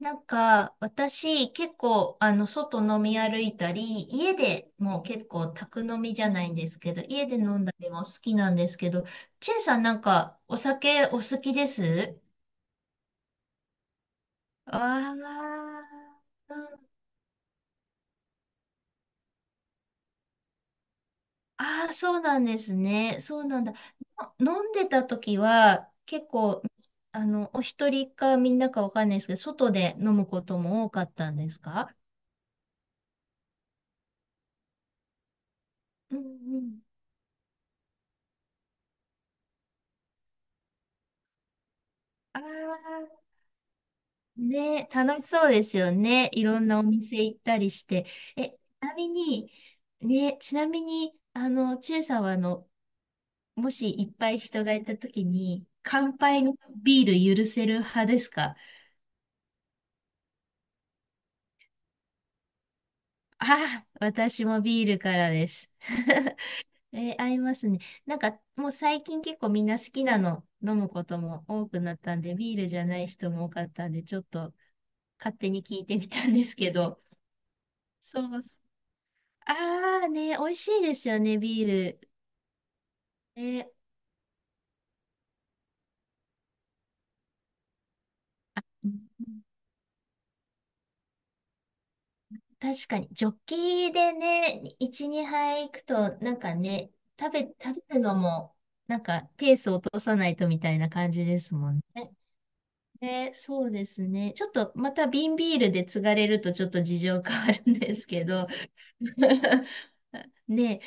なんか、私、結構、外飲み歩いたり、家でもう結構、宅飲みじゃないんですけど、家で飲んだりも好きなんですけど、チェイさんなんか、お酒お好きですああうん、ああそうなんですね。そうなんだ。の飲んでた時は、結構、お一人かみんなかわかんないですけど、外で飲むことも多かったんですか？うんうん。ああ、ね、楽しそうですよね。いろんなお店行ったりして。え、ちなみに、ね、ちなみに、ちえさんは、もしいっぱい人がいたときに、乾杯のビール許せる派ですか？ああ、私もビールからです。えー合いますね。なんか、もう最近結構みんな好きなの飲むことも多くなったんで、ビールじゃない人も多かったんで、ちょっと勝手に聞いてみたんですけど、そう、ああね、美味しいですよね、ビール。ね、うん、確かに、ジョッキでね、1、2杯行くと、なんかね、食べるのも、なんか、ペースを落とさないとみたいな感じですもんね。ね、そうですね。ちょっと、また瓶ビールで継がれると、ちょっと事情変わるんですけど。ね、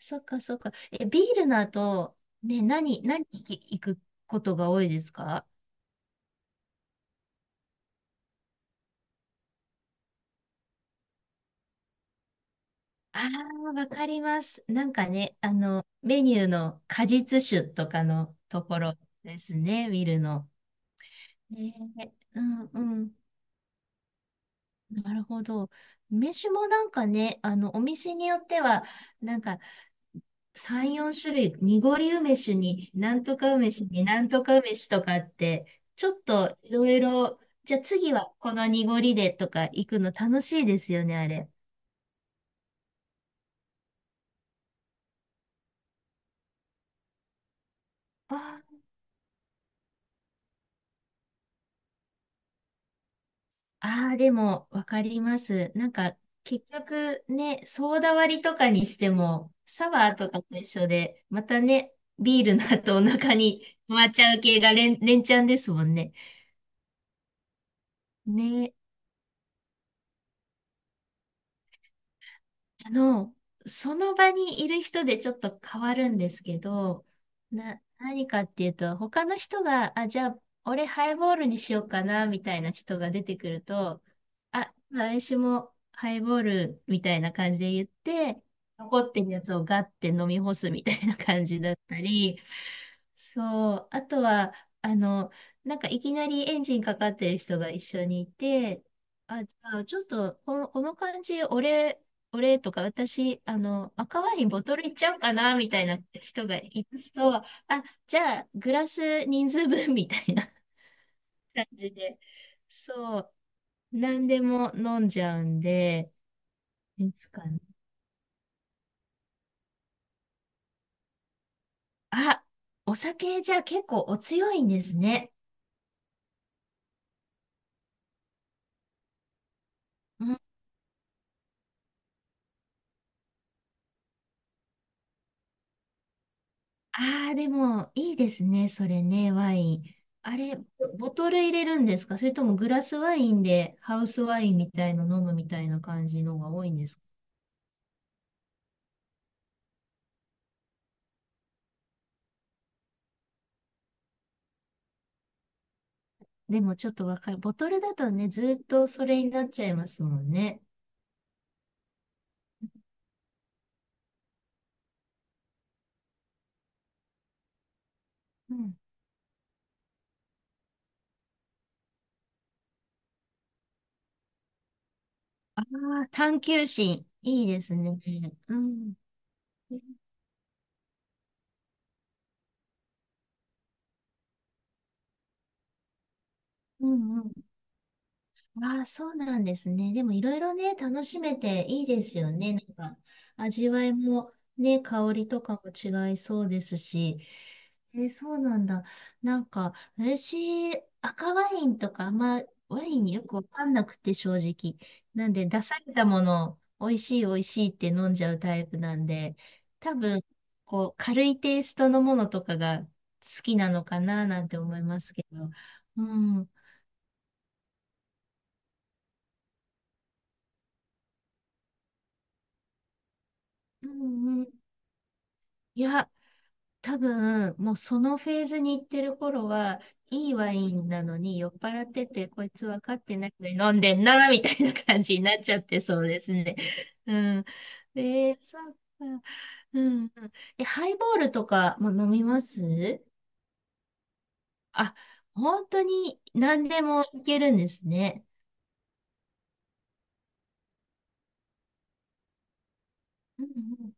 そっかそっか。え、ビールの後、ね、何行くことが多いですか？ああ、わかります。なんかね、メニューの果実酒とかのところですね、見るの。ねえ、うんうん。なるほど。梅酒もなんかね、お店によっては、なんか、3、4種類、濁り梅酒に、なんとか梅酒に、なんとか梅酒とかって、ちょっといろいろ、じゃあ次はこの濁りでとか行くの楽しいですよね、あれ。あああ、でも、わかります。なんか、結局ね、ソーダ割りとかにしても、サワーとかと一緒で、またね、ビールの後お腹に 回っちゃう系が連チャンですもんね。ね、あの、その場にいる人でちょっと変わるんですけど、何かっていうと、他の人が、あ、じゃあ、俺ハイボールにしようかな、みたいな人が出てくると、あ、私もハイボールみたいな感じで言って、残ってるやつをガッて飲み干すみたいな感じだったり、そう。あとは、あの、なんかいきなりエンジンかかってる人が一緒にいて、あ、じゃあちょっと、この感じ、俺とか、私、赤ワインボトルいっちゃおうかな、みたいな人がいますと、あ、じゃあ、グラス人数分、みたいな感じで、そう、何でも飲んじゃうんで、いつかね。あ、お酒、じゃあ結構お強いんですね。ああ、でも、いいですね、それね、ワイン。あれ、ボトル入れるんですか？それともグラスワインでハウスワインみたいの飲むみたいな感じのが多いんですか？でもちょっとわかる。ボトルだとね、ずーっとそれになっちゃいますもんね。うん。あ、探求心、いいですね。うん。うんうん。ああ、そうなんですね。でもいろいろね、楽しめていいですよね。なんか、味わいもね、香りとかも違いそうですし。えーそうなんだ。なんか、私、赤ワインとか、あんまワインによくわかんなくて、正直。なんで、出されたものを、美味しい美味しいって飲んじゃうタイプなんで、多分、こう、軽いテイストのものとかが好きなのかな、なんて思いますけど。うん。うんうん。いや、多分、もうそのフェーズに行ってる頃は、いいワインなのに酔っ払ってて、こいつ分かってないのに飲んでんな、みたいな感じになっちゃってそうですね。うん。えー、そっか。うん、うん。え、ハイボールとかも飲みます？あ、本当に何でもいけるんですね。うん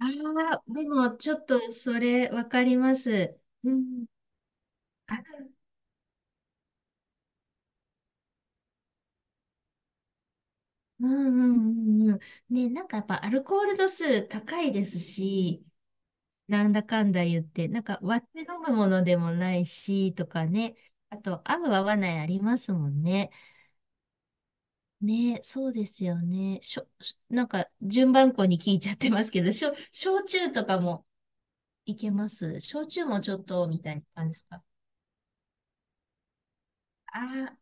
うん、ああ、でもちょっとそれ分かります。うん。うんうんうんうん。ね、なんかやっぱアルコール度数高いですし、なんだかんだ言って、なんか割って飲むものでもないし、とかね。あと、合う合わないありますもんね。ね、そうですよね。しょ、しなんか順番こに聞いちゃってますけど、焼酎とかもいけます？焼酎もちょっと、みたいな感じですか。ああ、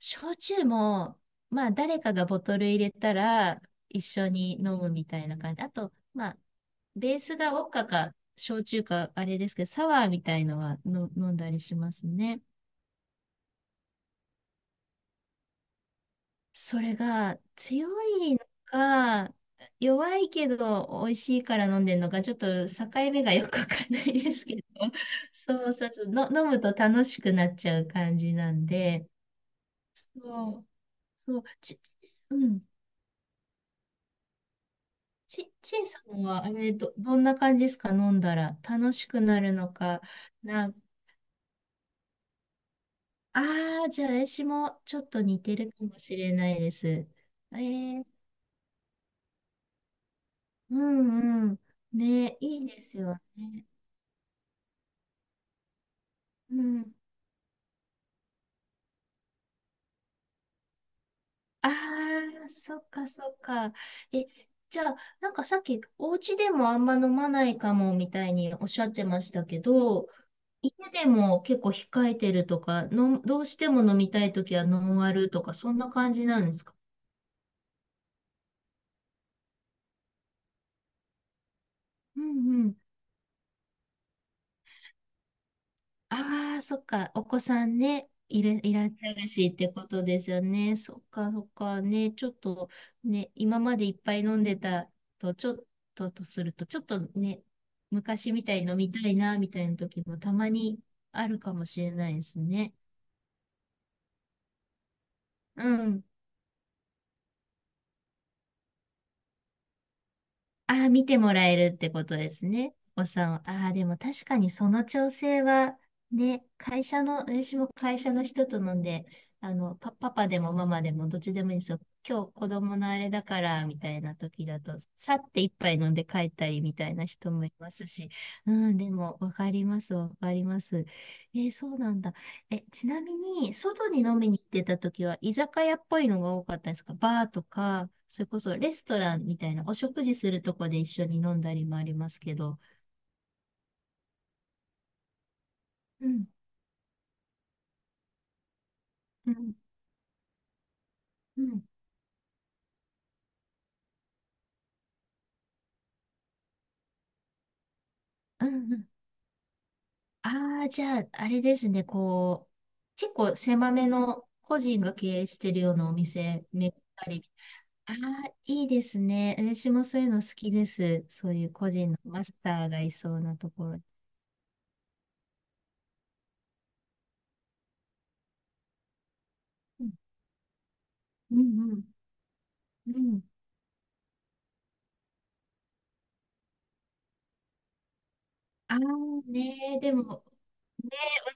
焼酎も、まあ誰かがボトル入れたら一緒に飲むみたいな感じ。あと、まあベースがウォッカか、焼酎か、あれですけど、サワーみたいのはの飲んだりしますね。それが強いのか、弱いけど美味しいから飲んでるのか、ちょっと境目がよくわかんないですけど、そうそうそう、の、飲むと楽しくなっちゃう感じなんで、そう、そう、ち、うん、ちいさんはあれ、どんな感じですか、飲んだら。楽しくなるのか、なん、ああ、じゃあ私もちょっと似てるかもしれないです。えー、うんうん。ね、いいですよね。うん。ああ、そっかそっか。え、じゃあ、なんかさっき、お家でもあんま飲まないかもみたいにおっしゃってましたけど、家でも結構控えてるとか、の、どうしても飲みたいときはノンアルとか、そんな感じなんですか？うん、ああ、そっか。お子さんね、いらっしゃるしってことですよね。そっか、そっか。ね、ちょっとね、今までいっぱい飲んでたと、ちょっととすると、ちょっとね、昔みたいに飲みたいな、みたいな時もたまにあるかもしれないですね。うん。ああ、見てもらえるってことですね。お子さんを。ああ、でも確かにその調整は、ね、会社の、私も会社の人と飲んで、パパでもママでもどっちでもいいんですよ。今日子供のあれだから、みたいな時だと、さって一杯飲んで帰ったりみたいな人もいますし、うん、でもわかります、わかります。えーそうなんだ。え、ちなみに、外に飲みに行ってた時は、居酒屋っぽいのが多かったですか？バーとか、それこそレストランみたいな、お食事するとこで一緒に飲んだりもありますけど。うん、うん、うん、うん。うん。ああ、じゃあ、あれですね、こう、結構狭めの個人が経営してるようなお店、めったり。ああ、いいですね。私もそういうの好きです。そういう個人のマスターがいそうなところ。うん、うん、うん。うん、ああ、ねえ、でも、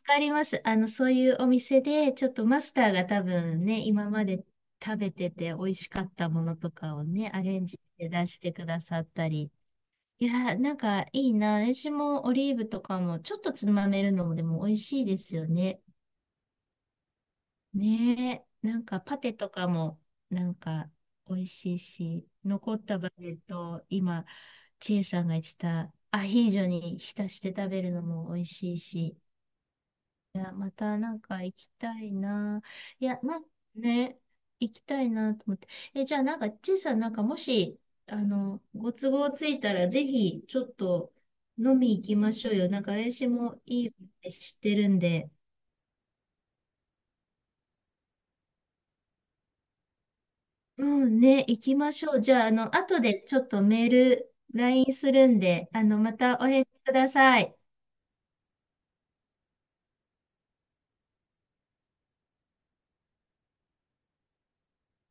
かります。そういうお店で、ちょっとマスターが多分ね、今まで食べてて美味しかったものとかをね、アレンジで出してくださったり。いやー、なんかいいな。私もオリーブとかもちょっとつまめるのもでも美味しいですよね。ねえ、なんかパテとかもなんか美味しいし、残ったバゲットを今、チエさんが言ってたアヒージョに浸して食べるのも美味しいし。いや、またなんか行きたいな。いや、なんね、行きたいなと思って。え、じゃあなんか、ちいさんなんかもし、ご都合ついたら、ぜひ、ちょっと飲み行きましょうよ。なんか、私もいいって知ってるんで。うんね、行きましょう。じゃあ、後でちょっとメール、LINE するんで、またお返事ください。